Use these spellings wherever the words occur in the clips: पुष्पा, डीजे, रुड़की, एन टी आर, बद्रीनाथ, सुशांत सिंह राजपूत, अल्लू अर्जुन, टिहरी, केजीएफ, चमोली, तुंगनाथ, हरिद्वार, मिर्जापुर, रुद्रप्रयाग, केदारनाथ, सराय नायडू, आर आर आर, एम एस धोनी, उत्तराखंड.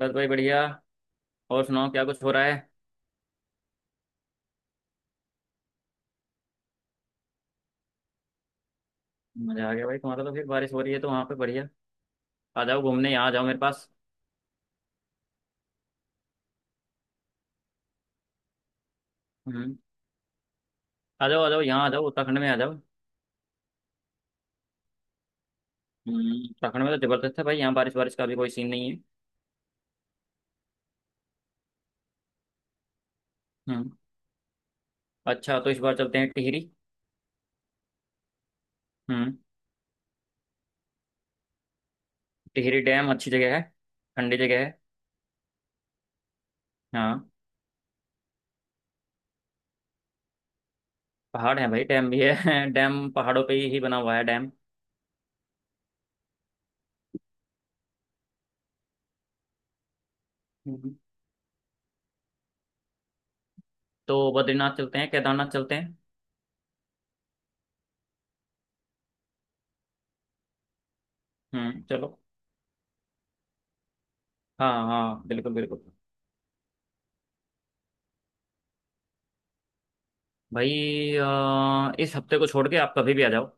बस भाई बढ़िया। और सुनाओ क्या कुछ हो रहा है। मजा आ गया भाई तुम्हारा तो, फिर बारिश हो रही है तो वहां पे बढ़िया। आ जाओ घूमने, यहाँ आ जाओ मेरे पास। हम्म। आ जाओ आ जाओ, यहाँ आ जाओ उत्तराखंड में आ जाओ। हम्म, उत्तराखंड में तो जबरदस्त है भाई, यहाँ बारिश बारिश का भी कोई सीन नहीं है। हम्म। अच्छा, तो इस बार चलते हैं टिहरी। हम्म। टिहरी डैम अच्छी जगह है, ठंडी जगह है। हाँ। पहाड़ है भाई, डैम भी है। डैम पहाड़ों पे ही बना हुआ है डैम। हम्म, तो बद्रीनाथ चलते हैं, केदारनाथ चलते हैं। हम्म, चलो। हाँ हाँ, बिल्कुल बिल्कुल। भाई इस हफ्ते को छोड़ के आप कभी भी आ जाओ।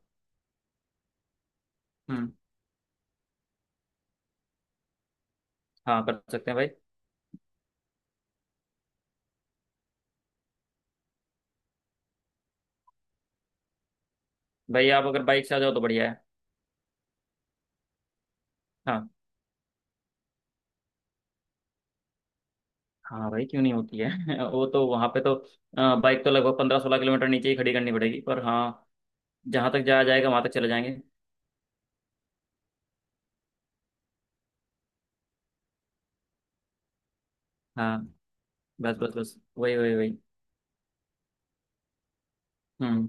हम्म। हाँ, कर सकते हैं भाई। भाई आप अगर बाइक से आ जाओ तो बढ़िया है। हाँ। हाँ भाई, क्यों नहीं होती है। वो तो वहाँ पे तो बाइक तो लगभग 15-16 किलोमीटर नीचे ही खड़ी करनी पड़ेगी, पर हाँ, जहाँ तक जाया जाएगा वहाँ तक चले जाएंगे। हाँ। बस बस बस, वही वही वही। हम्म।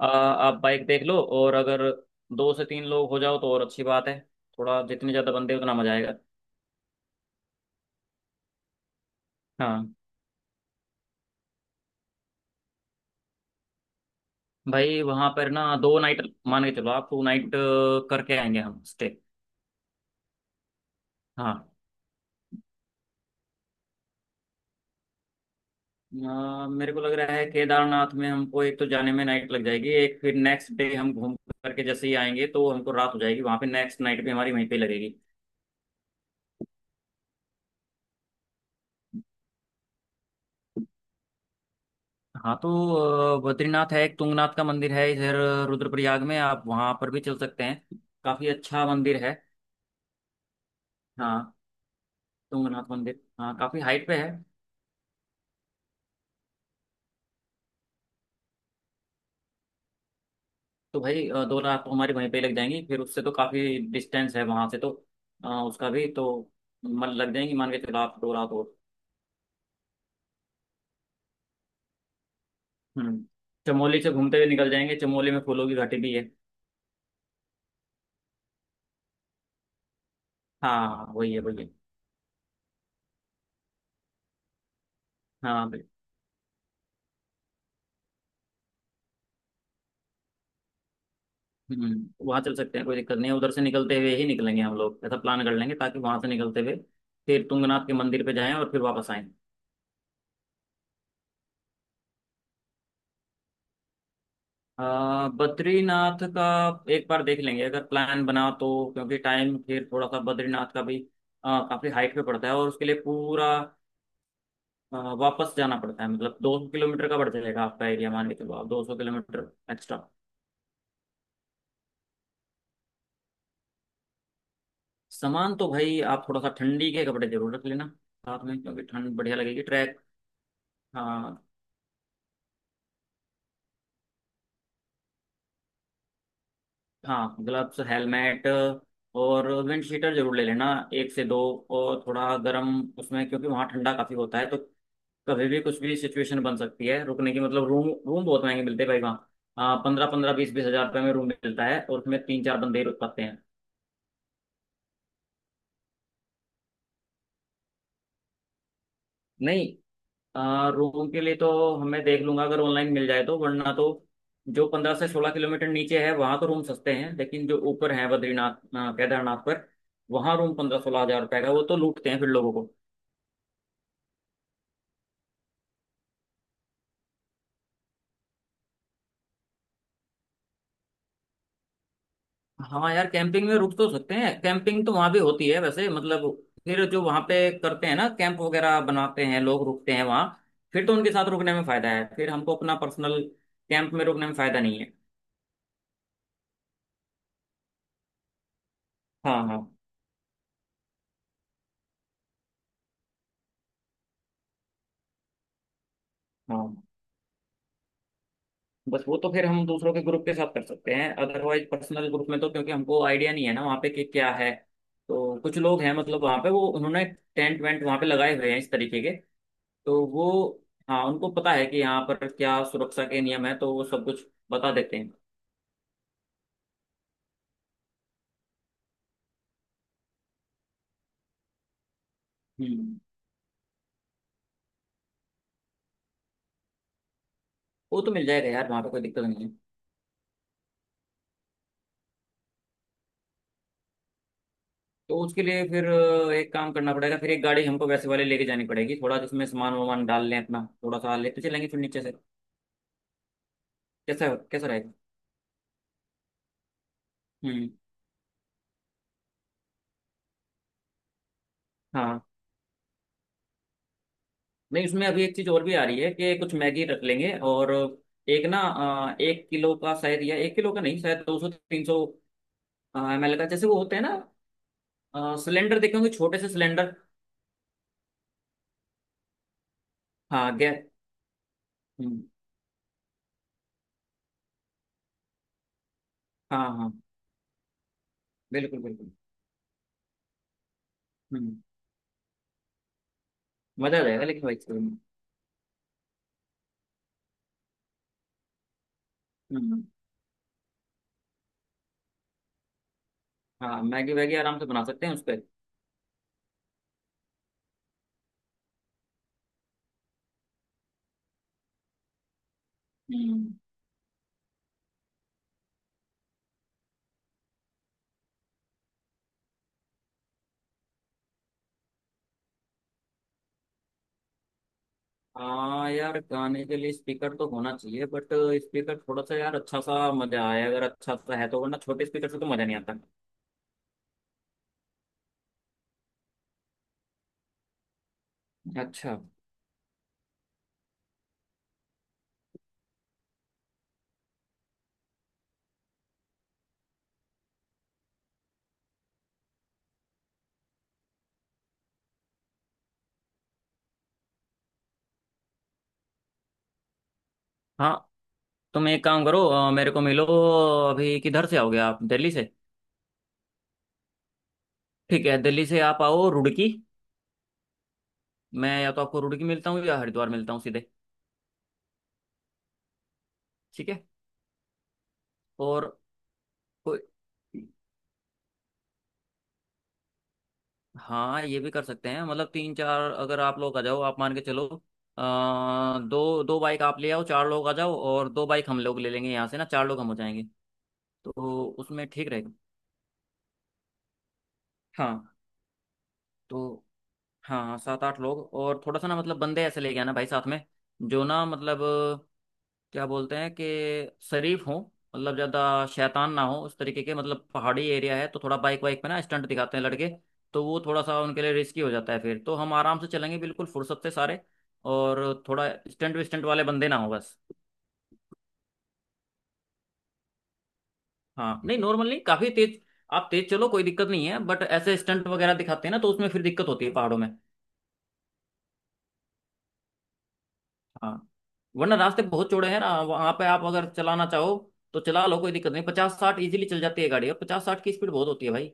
आप बाइक देख लो, और अगर दो से तीन लोग हो जाओ तो और अच्छी बात है। थोड़ा जितने ज़्यादा बंदे उतना मजा आएगा। हाँ। भाई वहाँ पर ना दो नाइट मान के चलो आप, टू नाइट करके आएंगे हम स्टे। हाँ। मेरे को लग रहा है केदारनाथ में हमको एक तो जाने में नाइट लग जाएगी, एक फिर नेक्स्ट डे हम घूम करके जैसे ही आएंगे तो हमको रात हो जाएगी वहां पे, नेक्स्ट नाइट भी हमारी वहीं पे लगेगी। हाँ तो बद्रीनाथ है एक, तुंगनाथ का मंदिर है इधर रुद्रप्रयाग में, आप वहां पर भी चल सकते हैं, काफी अच्छा मंदिर है। हाँ। तुंगनाथ मंदिर हाँ, काफी हाइट पे है। तो भाई दो रात तो हमारी वहीं पे लग जाएंगी, फिर उससे तो काफी डिस्टेंस है वहां से तो। उसका भी तो मन लग जाएंगी, मान के चलो आप दो रात हो। हम्म। चमोली से घूमते हुए निकल जाएंगे, चमोली में फूलों की घाटी भी है। हाँ वही है वही है। हाँ बिल्कुल। हम्म, वहाँ चल सकते हैं, कोई दिक्कत नहीं है, उधर से निकलते हुए ही निकलेंगे हम लोग, ऐसा प्लान कर लेंगे ताकि वहाँ से निकलते हुए फिर तुंगनाथ के मंदिर पे जाएं और फिर वापस आएं। बद्रीनाथ का एक बार देख लेंगे अगर प्लान बना तो, क्योंकि टाइम फिर थोड़ा सा, बद्रीनाथ का भी काफी हाइट पे पड़ता है और उसके लिए पूरा वापस जाना पड़ता है, मतलब 200 किलोमीटर का बढ़ जाएगा आपका एरिया, मान के चलो आप 200 किलोमीटर एक्स्ट्रा। सामान तो भाई आप थोड़ा सा ठंडी के कपड़े जरूर रख लेना साथ में, क्योंकि ठंड बढ़िया लगेगी ट्रैक। हाँ। हाँ ग्लव्स हेलमेट और विंड शीटर जरूर ले लेना, एक से दो, और थोड़ा गर्म उसमें, क्योंकि वहाँ ठंडा काफ़ी होता है तो कभी भी कुछ भी सिचुएशन बन सकती है रुकने की। मतलब रूम रूम बहुत महंगे मिलते हैं भाई वहाँ। हाँ, 15-15 20-20 हज़ार रुपये में रूम मिलता है और उसमें तीन चार बंदे ही रुक पाते हैं। नहीं, रूम के लिए तो हमें देख लूंगा अगर ऑनलाइन मिल जाए तो, वरना तो जो 15 से 16 किलोमीटर नीचे है वहां तो रूम सस्ते हैं, लेकिन जो ऊपर है बद्रीनाथ केदारनाथ पर, वहां रूम 15-16 हज़ार रुपए का, वो तो लूटते हैं फिर लोगों को। हाँ यार, कैंपिंग में रुक तो सकते हैं, कैंपिंग तो वहां भी होती है वैसे, मतलब फिर जो वहां पे करते हैं ना, कैंप वगैरह बनाते हैं, लोग रुकते हैं वहां, फिर तो उनके साथ रुकने में फायदा है, फिर हमको अपना पर्सनल कैंप में रुकने में फायदा नहीं है। हाँ हाँ हाँ। बस वो तो फिर हम दूसरों के ग्रुप के साथ कर सकते हैं, अदरवाइज पर्सनल ग्रुप में तो क्योंकि हमको आइडिया नहीं है ना वहाँ पे कि क्या है। तो कुछ लोग हैं, मतलब वहाँ पे वो उन्होंने टेंट वेंट वहाँ पे लगाए हुए हैं इस तरीके के, तो वो, हाँ उनको पता है कि यहाँ पर क्या सुरक्षा के नियम है, तो वो सब कुछ बता देते हैं। हम्म। वो तो मिल जाएगा यार वहाँ पे, कोई दिक्कत नहीं है। तो उसके लिए फिर एक काम करना पड़ेगा, फिर एक गाड़ी हमको वैसे वाले लेके जानी पड़ेगी थोड़ा, जिसमें सामान वामान डाल लें अपना, थोड़ा सा लेते चलेंगे फिर नीचे से, कैसा कैसा रहेगा। हम्म। हाँ, नहीं उसमें अभी एक चीज और भी आ रही है कि कुछ मैगी रख लेंगे और एक ना एक किलो का शायद, या एक किलो का नहीं शायद 200-300 ml का जैसे वो होते हैं ना, सिलेंडर, देखे होंगे छोटे से सिलेंडर। हाँ गैस। हम्म, हाँ हाँ बिल्कुल बिल्कुल। हम्म, मजा आ जाएगा लेकिन भाई। हम्म, हाँ मैगी वैगी आराम से बना सकते हैं उस पर। हम्म। हाँ यार गाने के लिए स्पीकर तो होना चाहिए, बट स्पीकर थोड़ा सा यार अच्छा सा, मजा आए अगर अच्छा सा है तो, वरना छोटे स्पीकर से तो मजा नहीं आता। अच्छा। हाँ तुम एक काम करो, मेरे को मिलो, अभी किधर से आओगे आप, दिल्ली से? ठीक है, दिल्ली से आप आओ रुड़की, मैं या तो आपको रुड़की मिलता हूँ या हरिद्वार मिलता हूँ सीधे। ठीक है। और कोई- हाँ, ये भी कर सकते हैं, मतलब तीन चार अगर आप लोग आ जाओ, आप मान के चलो दो दो बाइक आप ले आओ, चार लोग आ जाओ, और दो बाइक हम लोग ले लेंगे यहाँ से ना, चार लोग हम हो जाएंगे। तो उसमें ठीक रहेगा। हाँ। तो हाँ, सात आठ लोग और थोड़ा सा ना, मतलब बंदे ऐसे लेके आना भाई साथ में जो ना, मतलब क्या बोलते हैं कि शरीफ हो, मतलब ज्यादा शैतान ना हो उस तरीके के, मतलब पहाड़ी एरिया है तो थोड़ा बाइक वाइक पे ना स्टंट दिखाते हैं लड़के, तो वो थोड़ा सा उनके लिए रिस्की हो जाता है, फिर तो हम आराम से चलेंगे बिल्कुल फुर्सत से सारे, और थोड़ा स्टंट विस्टंट वाले बंदे ना हो बस। हाँ नहीं, नॉर्मल नहीं, काफी तेज, आप तेज चलो कोई दिक्कत नहीं है, बट ऐसे स्टंट वगैरह दिखाते हैं ना तो उसमें फिर दिक्कत होती है पहाड़ों में। हाँ। वरना रास्ते बहुत चौड़े हैं ना वहां पे, आप अगर चलाना चाहो तो चला लो, कोई दिक्कत नहीं, 50-60 इजीली चल जाती है गाड़ी, और 50-60 की स्पीड बहुत होती है भाई।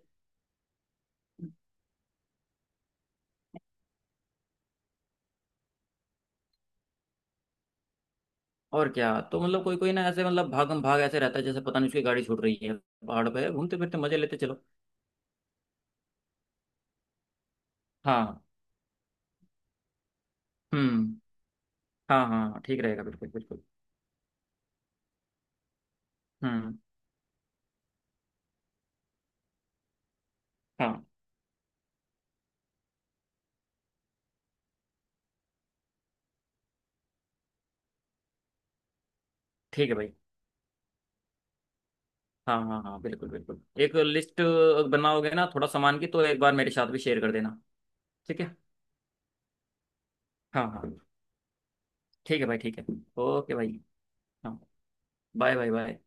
और क्या, तो मतलब कोई कोई ना ऐसे मतलब भागम भाग ऐसे रहता है जैसे पता नहीं उसकी गाड़ी छूट रही है, पहाड़ पे घूमते फिरते मजे लेते चलो। हाँ। हम्म। हाँ हाँ हाँ, ठीक रहेगा बिल्कुल बिल्कुल। हम्म। हाँ। ठीक है भाई। हाँ हाँ हाँ बिल्कुल बिल्कुल। एक लिस्ट बनाओगे ना थोड़ा सामान की, तो एक बार मेरे साथ भी शेयर कर देना। ठीक है। हाँ हाँ। ठीक है भाई, ठीक है। ओके भाई। हाँ। Bye bye bye.